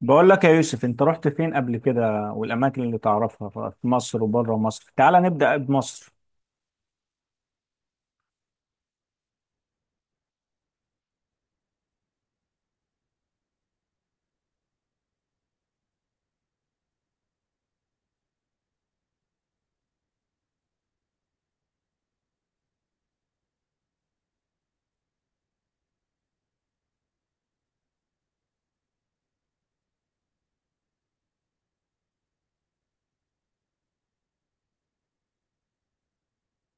بقول لك يا يوسف، انت رحت فين قبل كده؟ والاماكن اللي تعرفها في مصر وبره مصر، تعال نبدأ بمصر.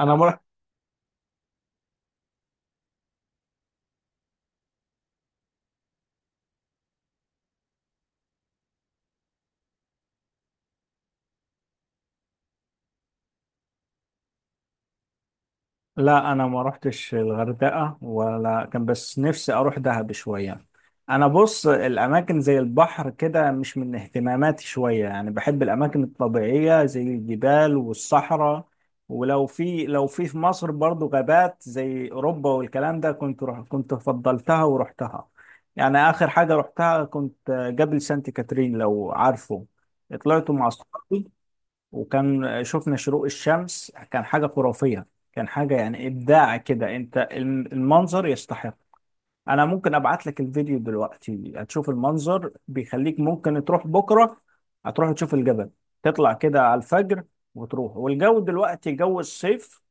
انا لا انا ما رحتش الغردقه ولا كان، بس نفسي اروح دهب شويه. انا بص، الاماكن زي البحر كده مش من اهتماماتي شويه، يعني بحب الاماكن الطبيعيه زي الجبال والصحراء. ولو في لو في في مصر برضو غابات زي اوروبا والكلام ده، كنت فضلتها ورحتها. يعني اخر حاجه رحتها كنت جبل سانت كاترين، لو عارفه. طلعت مع اصحابي، وكان شفنا شروق الشمس، كان حاجة خرافية. كان حاجة يعني إبداع كده. أنت المنظر يستحق. أنا ممكن أبعت لك الفيديو دلوقتي، هتشوف المنظر بيخليك ممكن تروح بكرة. هتروح تشوف الجبل، تطلع كده على الفجر وتروح، والجو دلوقتي جو الصيف،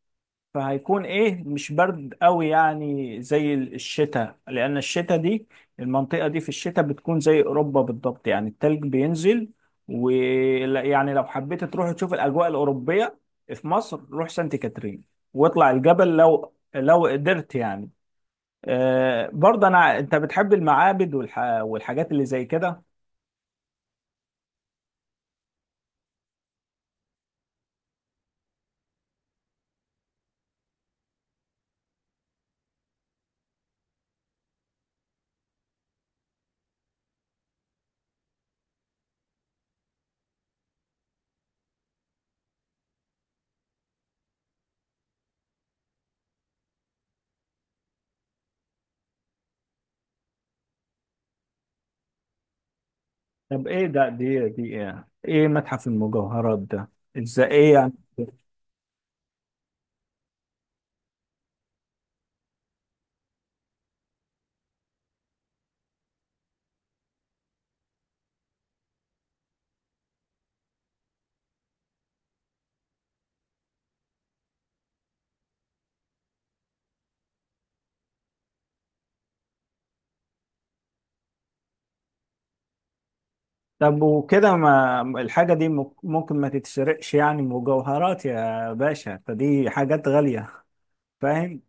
فهيكون ايه، مش برد قوي يعني زي الشتاء. لان الشتاء دي، المنطقة دي في الشتاء بتكون زي اوروبا بالضبط، يعني التلج بينزل. ويعني لو حبيت تروح تشوف الاجواء الاوروبية في مصر، روح سانت كاترين واطلع الجبل، لو قدرت يعني. برضه انا، انت بتحب المعابد والحاجات اللي زي كده؟ طب ايه ده؟ دي ايه متحف المجوهرات ده؟ ازاي؟ ايه يعني؟ طب وكده ما الحاجة دي ممكن ما تتسرقش يعني؟ مجوهرات يا باشا، فدي حاجات غالية، فاهم؟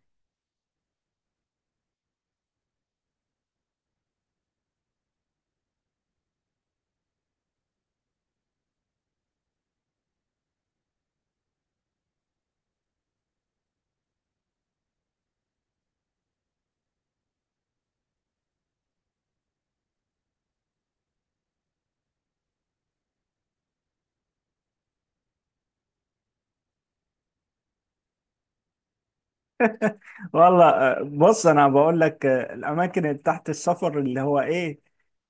والله، بص، انا بقول لك، الاماكن اللي تحت السفر اللي هو ايه،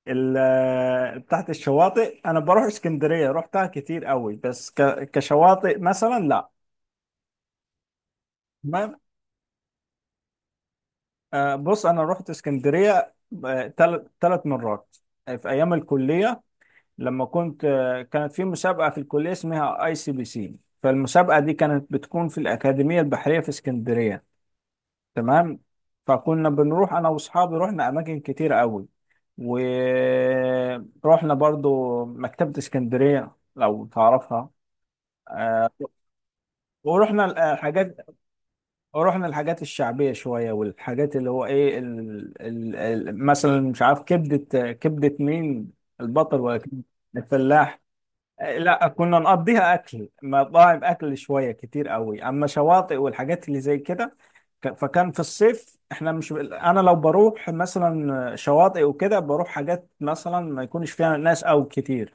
تحت الشواطئ، انا بروح اسكندرية، رحتها كتير قوي، بس كشواطئ مثلا لا. تمام. بص، انا رحت اسكندرية ثلاث مرات، في ايام الكلية. لما كنت، كانت في مسابقة في الكلية اسمها اي سي بي سي. فالمسابقة دي كانت بتكون في الأكاديمية البحرية في اسكندرية، تمام. فكنا بنروح أنا وأصحابي، رحنا أماكن كتير قوي، ورحنا برضو مكتبة اسكندرية لو تعرفها، آه، ورحنا الحاجات ورحنا الحاجات الشعبية شوية، والحاجات اللي هو ايه، مثلا مش عارف، كبدة. كبدة مين؟ البطل ولا كبدة الفلاح. لا، كنا نقضيها اكل، مطاعم، اكل شويه كتير قوي، اما شواطئ والحاجات اللي زي كده، فكان في الصيف احنا مش، انا لو بروح مثلا شواطئ وكده، بروح حاجات مثلا ما يكونش فيها ناس او كتير.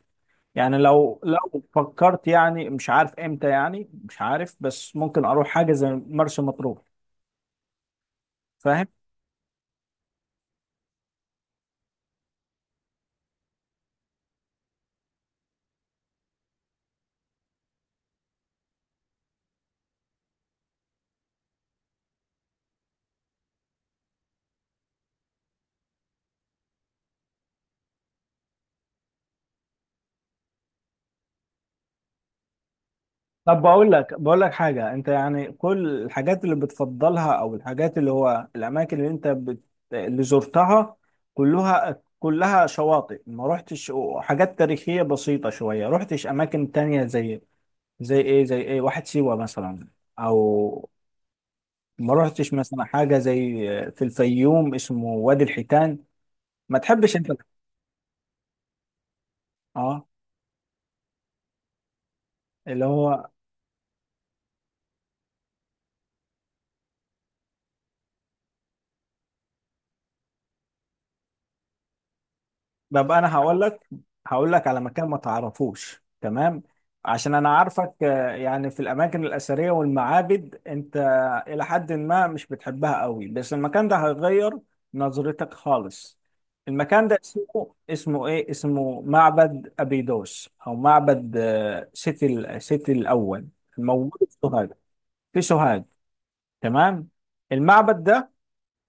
يعني لو فكرت يعني، مش عارف امتى، يعني مش عارف، بس ممكن اروح حاجه زي مرسى مطروح، فاهم؟ طب بقول لك حاجة. انت يعني كل الحاجات اللي بتفضلها، او الحاجات اللي هو الاماكن اللي انت اللي زرتها، كلها كلها شواطئ. ما رحتش حاجات تاريخية بسيطة شوية، رحتش اماكن تانية زي، زي ايه واحد سيوة مثلا، او ما رحتش مثلا حاجة زي في الفيوم اسمه وادي الحيتان. ما تحبش انت؟ اه، اللي هو. طب انا هقول لك على مكان ما تعرفوش. تمام؟ عشان انا عارفك آه، يعني في الاماكن الاثريه والمعابد انت الى حد ما مش بتحبها قوي، بس المكان ده هيغير نظرتك خالص. المكان ده اسمه، اسمه ايه اسمه معبد ابيدوس، او معبد سيتي، سيتي الاول، الموجود في سوهاج. في سوهاج، تمام. المعبد ده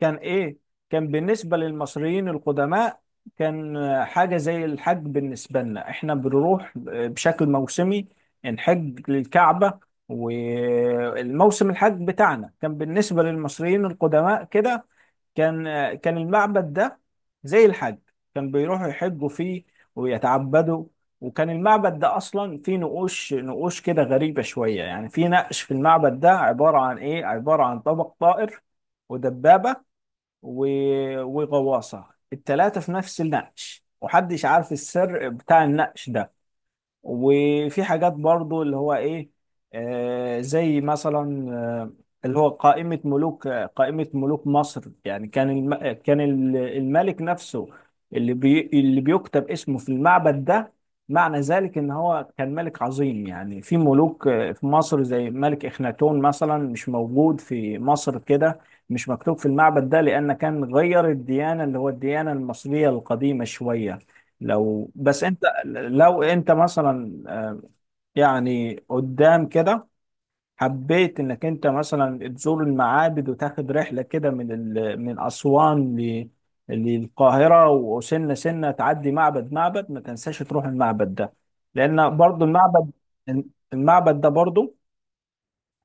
كان ايه؟ كان بالنسبة للمصريين القدماء، كان حاجة زي الحج. بالنسبة لنا احنا بنروح بشكل موسمي نحج للكعبة، والموسم الحج بتاعنا كان بالنسبة للمصريين القدماء كده. كان كان المعبد ده زي الحج، كان بيروحوا يحجوا فيه ويتعبدوا. وكان المعبد ده اصلا فيه نقوش، نقوش كده غريبة شوية يعني. في نقش في المعبد ده عبارة عن ايه؟ عبارة عن طبق طائر، ودبابة و... وغواصة، التلاتة في نفس النقش، ومحدش عارف السر بتاع النقش ده. وفي حاجات برضو اللي هو ايه، آه، زي مثلا، آه، اللي هو قائمة ملوك، آه، قائمة ملوك مصر. يعني كان الملك نفسه اللي اللي بيكتب اسمه في المعبد ده، معنى ذلك ان هو كان ملك عظيم. يعني في ملوك آه، في مصر زي ملك اخناتون مثلا، مش موجود في مصر كده، مش مكتوب في المعبد ده، لأن كان غير الديانة، اللي هو الديانة المصرية القديمة شوية. لو انت مثلا، آه، يعني قدام كده حبيت انك انت مثلا تزور المعابد، وتاخد رحلة كده من من أسوان للقاهرة، وسنة سنة تعدي معبد معبد، ما تنساش تروح المعبد ده. لأن برضو المعبد، المعبد ده برضو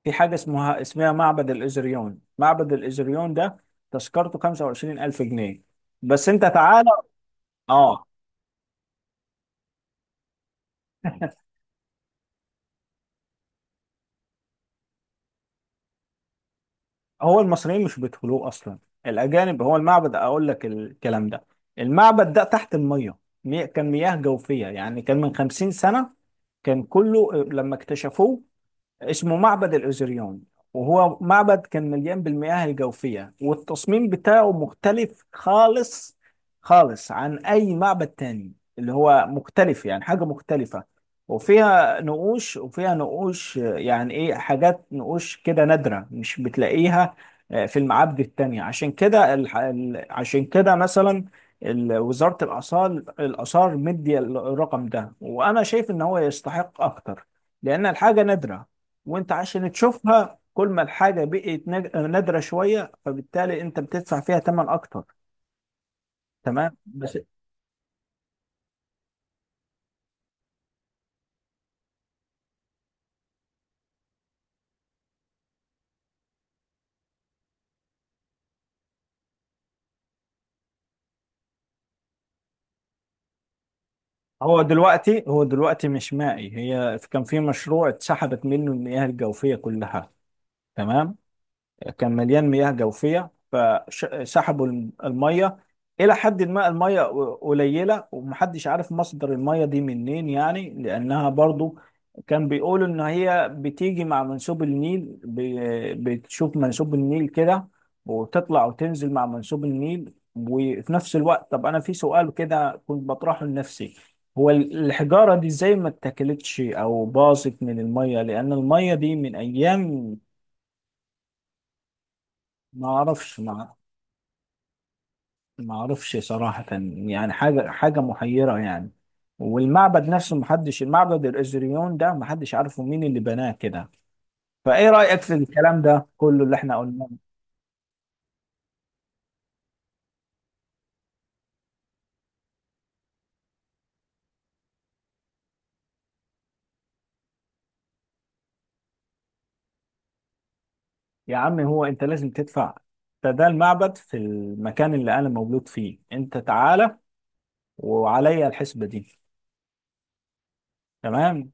في حاجة اسمها معبد الإزريون. معبد الإزريون ده تذكرته 25,000 جنيه. بس انت تعالى. اه، هو المصريين مش بيدخلوه اصلا، الاجانب. هو المعبد اقول لك الكلام ده، المعبد ده تحت الميه. كان مياه جوفيه. يعني كان من 50 سنه كان كله، لما اكتشفوه، اسمه معبد الأوزريون. وهو معبد كان مليان بالمياه الجوفية، والتصميم بتاعه مختلف خالص، خالص عن أي معبد تاني. اللي هو مختلف، يعني حاجة مختلفة. وفيها نقوش، وفيها نقوش، آه، يعني إيه، حاجات نقوش كده نادرة مش بتلاقيها آه، في المعابد التانية. عشان كده عشان كده مثلا وزارة الآثار، مدية الرقم ده، وأنا شايف إن هو يستحق أكتر، لأن الحاجة نادرة. وانت عشان تشوفها، كل ما الحاجة بقت نادرة شوية، فبالتالي انت بتدفع فيها ثمن اكتر، تمام. بس هو دلوقتي، مش مائي. هي كان في مشروع اتسحبت منه المياه الجوفية كلها، تمام. كان مليان مياه جوفية، فسحبوا المية إلى حد ما، المية قليلة. ومحدش عارف مصدر المية دي منين، يعني لأنها برضو كان بيقولوا إن هي بتيجي مع منسوب النيل، بتشوف منسوب النيل كده، وتطلع وتنزل مع منسوب النيل. وفي نفس الوقت، طب أنا في سؤال كده كنت بطرحه لنفسي. هو الحجارة دي ازاي ما اتاكلتش أو باظت من المية؟ لأن المية دي من أيام. ما أعرفش، ما اعرفش صراحة، يعني حاجة، محيرة يعني. والمعبد نفسه محدش، المعبد الازريون ده محدش عارفه مين اللي بناه كده. فايه رأيك في الكلام ده كله اللي احنا قلناه؟ يا عم، هو انت لازم تدفع. ده المعبد في المكان اللي انا مولود فيه، انت تعالى، وعليا الحسبة دي، تمام.